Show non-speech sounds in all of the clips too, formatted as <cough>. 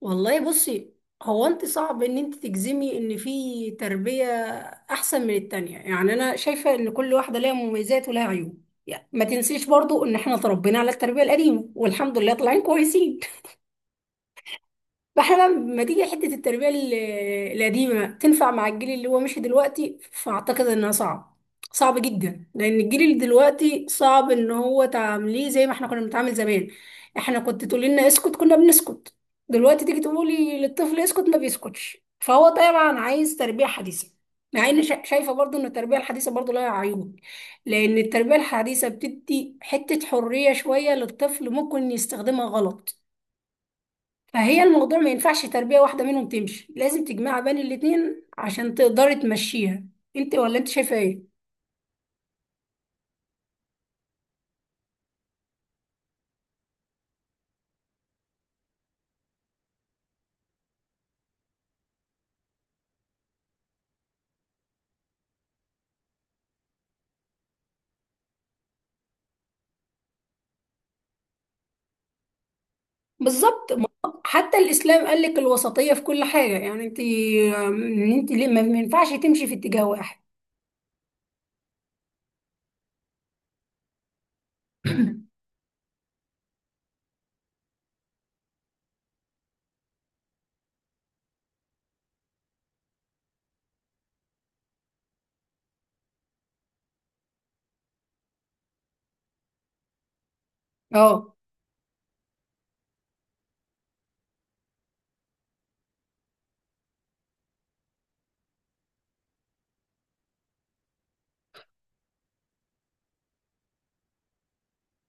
والله بصي، هو انت صعب ان انت تجزمي ان في تربية احسن من التانية. يعني انا شايفة ان كل واحدة ليها مميزات ولها عيوب. يعني ما تنسيش برضو ان احنا اتربينا على التربية القديمة والحمد لله طالعين كويسين. فاحنا بقى لما تيجي حتة التربية القديمة تنفع مع الجيل اللي هو مشي دلوقتي، فأعتقد إنها صعب، صعب جدا، لأن الجيل اللي دلوقتي صعب إن هو تعامليه زي ما احنا كنا بنتعامل زمان. احنا كنت تقول لنا اسكت كنا بنسكت، دلوقتي تيجي تقولي للطفل اسكت ما بيسكتش، فهو طبعا عايز تربية حديثة. مع إن شايفة برضو إن التربية الحديثة برضو لها عيوب، لأن التربية الحديثة بتدي حتة حرية شوية للطفل ممكن يستخدمها غلط. فهي الموضوع ما ينفعش تربية واحدة منهم تمشي، لازم تجمع بين الاتنين عشان تقدري تمشيها. انت ولا انت شايفة ايه؟ بالظبط حتى الاسلام قال لك الوسطية في كل حاجة. يعني انت ان انت ليه ما ينفعش تمشي في اتجاه واحد؟ <clears throat> اه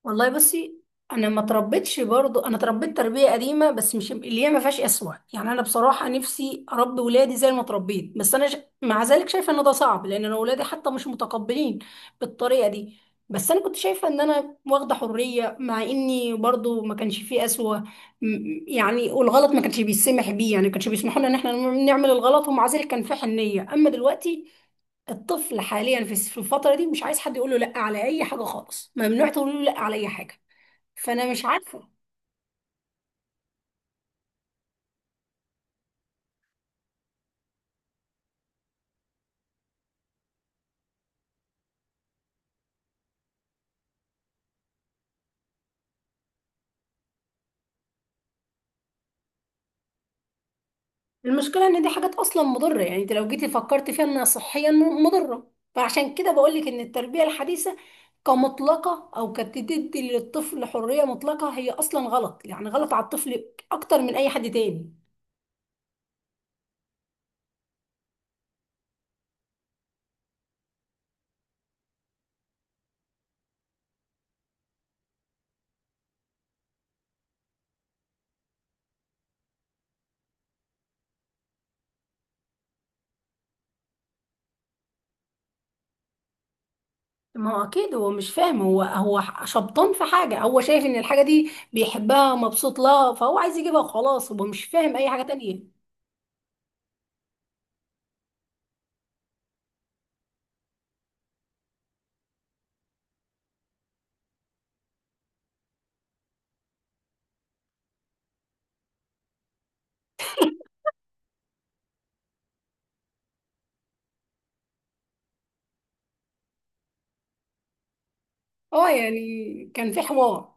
والله بصي، انا ما تربيتش برضو، انا تربيت تربيه قديمه، بس مش اللي هي ما فيهاش اسوه. يعني انا بصراحه نفسي اربي ولادي زي ما تربيت، بس مع ذلك شايفه ان ده صعب، لان انا ولادي حتى مش متقبلين بالطريقه دي. بس انا كنت شايفه ان انا واخده حريه، مع اني برضو ما كانش فيه اسوه، يعني والغلط ما كانش بيسمح بيه. يعني ما كانش بيسمحوا لنا ان احنا نعمل الغلط، ومع ذلك كان في حنيه. اما دلوقتي الطفل حاليا في الفترة دي مش عايز حد يقول له لا على أي حاجة خالص، ممنوع تقول له لا على أي حاجة، فأنا مش عارفة. المشكلة إن دي حاجات أصلا مضرة. يعني أنت لو جيتي فكرت فيها إنها صحيا مضرة، فعشان كده بقولك إن التربية الحديثة كمطلقة أو كتدي للطفل حرية مطلقة هي أصلا غلط، يعني غلط على الطفل أكتر من أي حد تاني. ما هو أكيد هو مش فاهم، هو شبطان في حاجة، هو شايف إن الحاجة دي بيحبها مبسوط لها، فهو عايز يجيبها وخلاص، هو مش فاهم أي حاجة تانية. اه يعني كان في حوار.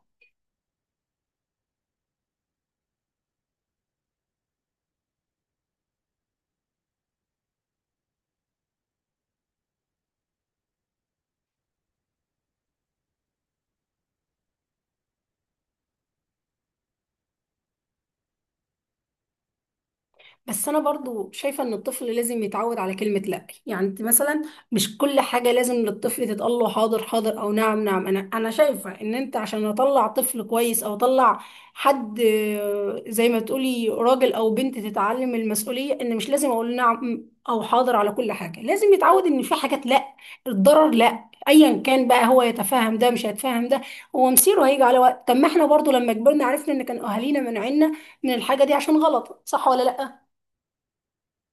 بس انا برضو شايفه ان الطفل لازم يتعود على كلمه لا. يعني انت مثلا مش كل حاجه لازم للطفل تتقال له حاضر حاضر او نعم نعم. انا شايفه ان انت عشان اطلع طفل كويس او اطلع حد، زي ما تقولي راجل او بنت، تتعلم المسؤوليه ان مش لازم اقول نعم او حاضر على كل حاجه، لازم يتعود ان في حاجات لا. الضرر لا ايا كان، بقى هو يتفهم ده مش هيتفهم ده، هو مصيره هيجي على وقت. طب ما احنا برضو لما كبرنا عرفنا ان كان اهالينا منعنا من الحاجه دي عشان غلط، صح ولا لا؟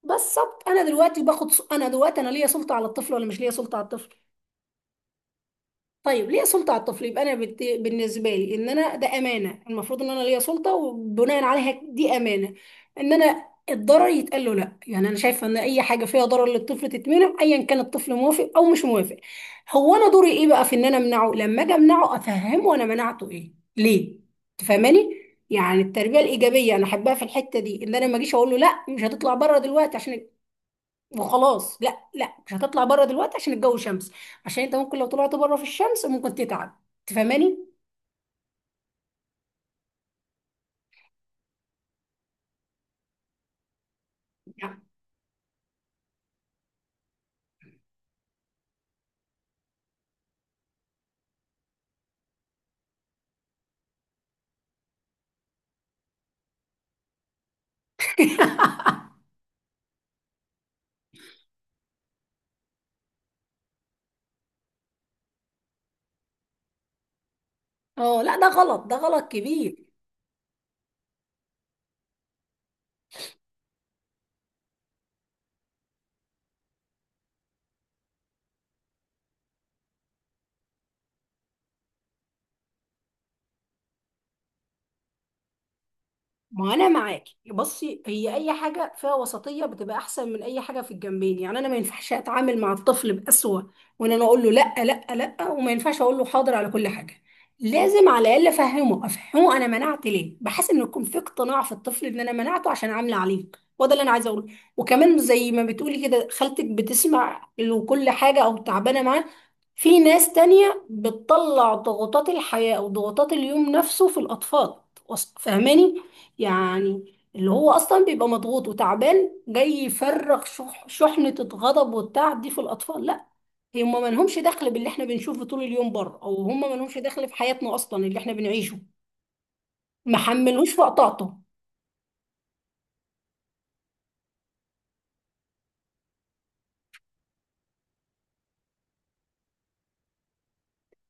بالظبط. انا دلوقتي انا ليا سلطه على الطفل ولا مش ليا سلطه على الطفل؟ طيب ليا سلطه على الطفل، يبقى بالنسبه لي ان انا ده امانه، المفروض ان انا ليا سلطه، وبناء عليها دي امانه ان انا الضرر يتقال له لا. يعني انا شايفه ان اي حاجه فيها ضرر للطفل تتمنع، ايا كان الطفل موافق او مش موافق. هو انا دوري ايه بقى؟ في ان انا امنعه، لما اجي امنعه افهمه انا منعته ايه ليه، تفهماني؟ يعني التربيه الايجابيه انا احبها في الحته دي، ان انا ما اجيش اقول له لا مش هتطلع بره دلوقتي عشان وخلاص. لا، لا مش هتطلع بره دلوقتي عشان الجو شمس، عشان انت ممكن لو طلعت بره في الشمس ممكن تتعب، تفهماني؟ اه لا ده غلط، ده غلط كبير. ما انا معاكي، بصي هي اي حاجه فيها وسطيه بتبقى احسن من اي حاجه في الجنبين. يعني انا ما ينفعش اتعامل مع الطفل بأسوأ، وان انا اقول له لا لا لا، وما ينفعش اقول له حاضر على كل حاجه. لازم على الاقل افهمه، افهمه انا منعت ليه، بحيث ان يكون في اقتناع في الطفل ان انا منعته عشان عامله عليه، وده اللي انا عايزه اقوله. وكمان زي ما بتقولي كده خالتك بتسمع له كل حاجه او تعبانه معاه، في ناس تانية بتطلع ضغوطات الحياه او ضغوطات اليوم نفسه في الاطفال، فاهماني؟ يعني اللي هو اصلا بيبقى مضغوط وتعبان جاي يفرغ شحنة الغضب والتعب دي في الاطفال، لا. هم ما لهمش دخل باللي احنا بنشوفه طول اليوم بره، او هم ما لهمش دخل في حياتنا اصلا اللي احنا بنعيشه، ما حملوش وقت طاقته.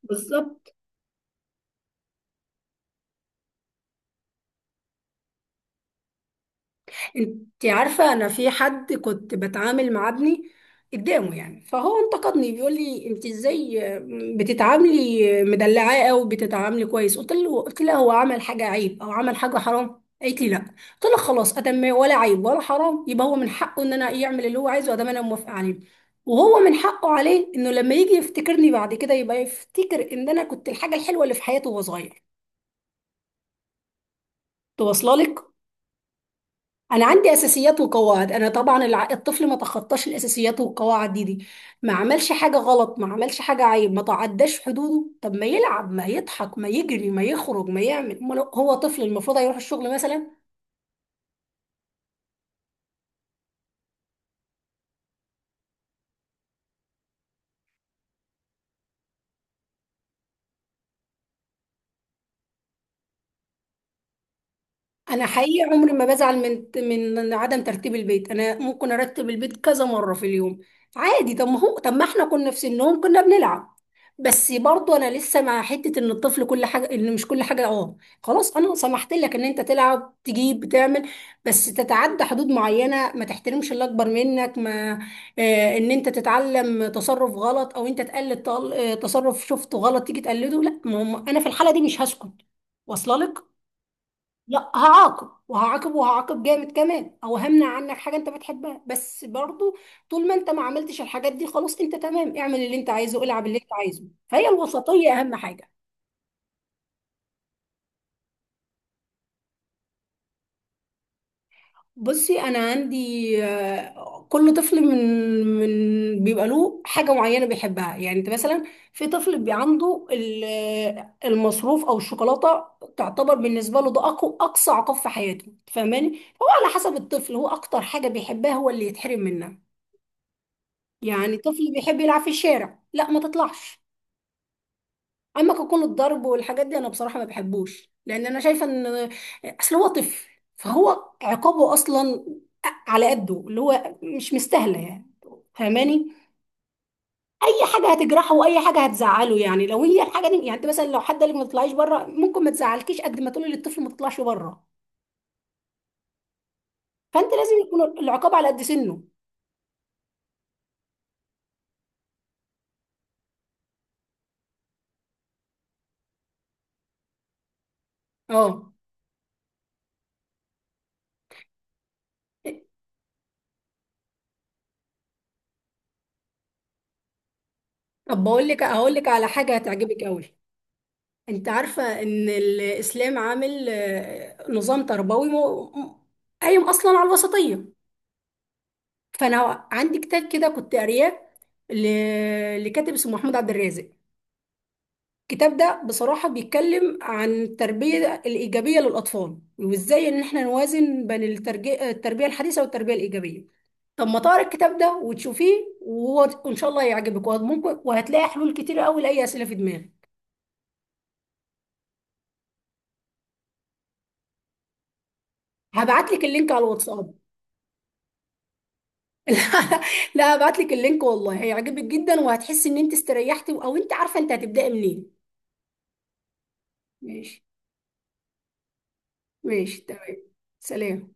بالظبط. انت عارفة، انا في حد كنت بتعامل مع ابني قدامه يعني، فهو انتقدني بيقول لي انت ازاي بتتعاملي مدلعاه او بتتعاملي كويس؟ قلت له، قلت لها، هو عمل حاجة عيب او عمل حاجة حرام؟ قالت لي لا. قلت لها خلاص، ادم ولا عيب ولا حرام، يبقى هو من حقه ان انا يعمل اللي هو عايزه ادام انا موافقة عليه، وهو من حقه عليه انه لما يجي يفتكرني بعد كده يبقى يفتكر ان انا كنت الحاجة الحلوة اللي في حياته وهو صغير، توصل لك؟ انا عندي اساسيات وقواعد. انا طبعا الطفل ما تخطاش الاساسيات والقواعد دي، ما عملش حاجه غلط، ما عملش حاجه عيب، ما تعداش حدوده، طب ما يلعب ما يضحك ما يجري ما يخرج ما يعمل. أمال هو طفل؟ المفروض هيروح الشغل مثلا؟ انا حقيقي عمري ما بزعل من عدم ترتيب البيت، انا ممكن ارتب البيت كذا مره في اليوم عادي. طب ما احنا كنا في سنهم كنا بنلعب. بس برضو انا لسه مع حته ان الطفل كل حاجه، ان مش كل حاجه، خلاص انا سمحت لك ان انت تلعب تجيب بتعمل، بس تتعدى حدود معينه، ما تحترمش اللي اكبر منك، ما آه ان انت تتعلم تصرف غلط او انت تقلد، تصرف شفته غلط تيجي تقلده، لا، ما هم- انا في الحاله دي مش هسكت، واصله لك؟ لا، هعاقب وهعاقب وهعاقب جامد كمان، او همنع عنك حاجه انت بتحبها. بس برضو طول ما انت ما عملتش الحاجات دي خلاص انت تمام، اعمل اللي انت عايزه، العب اللي انت عايزه. فهي الوسطيه اهم حاجه. بصي انا عندي، كل طفل من من بيبقى له حاجه معينه بيحبها. يعني انت مثلا في طفل بيبقى عنده المصروف او الشوكولاته، تعتبر بالنسبه له ده اقوى اقصى عقاب في حياته، فاهماني؟ هو على حسب الطفل، هو اكتر حاجه بيحبها هو اللي يتحرم منها. يعني طفل بيحب يلعب في الشارع، لا ما تطلعش. اما ككون الضرب والحاجات دي، انا بصراحه ما بحبوش، لان انا شايفه ان اصل هو طفل، فهو عقابه اصلا على قده، اللي هو مش مستاهله يعني، فاهماني؟ اي حاجه هتجرحه واي حاجه هتزعله. يعني لو هي الحاجه دي، يعني انت مثلا لو حد قال لك ما تطلعيش بره ممكن ما تزعلكيش قد ما تقولي للطفل ما تطلعش بره. فانت لازم يكون العقاب على قد سنه. اه طب بقول لك، هقول لك على حاجه هتعجبك قوي. انت عارفة ان الاسلام عامل نظام تربوي قايم اصلا على الوسطية. فانا عندي كتاب كده كنت قارياه، لكاتب اسمه محمود عبد الرازق. الكتاب ده بصراحة بيتكلم عن التربية الإيجابية للأطفال، وإزاي إن إحنا نوازن بين التربية الحديثة والتربية الإيجابية. طب ما تقرا الكتاب ده وتشوفيه، وإن شاء الله هيعجبك، وممكن وهتلاقي حلول كتير قوي لأي أسئلة في دماغك. هبعت لك اللينك على الواتساب. <laughs> لا لا هبعت لك اللينك والله هيعجبك جدا، وهتحسي ان انت استريحتي او انت عارفه انت هتبداي منين. ماشي ماشي تمام. سلام.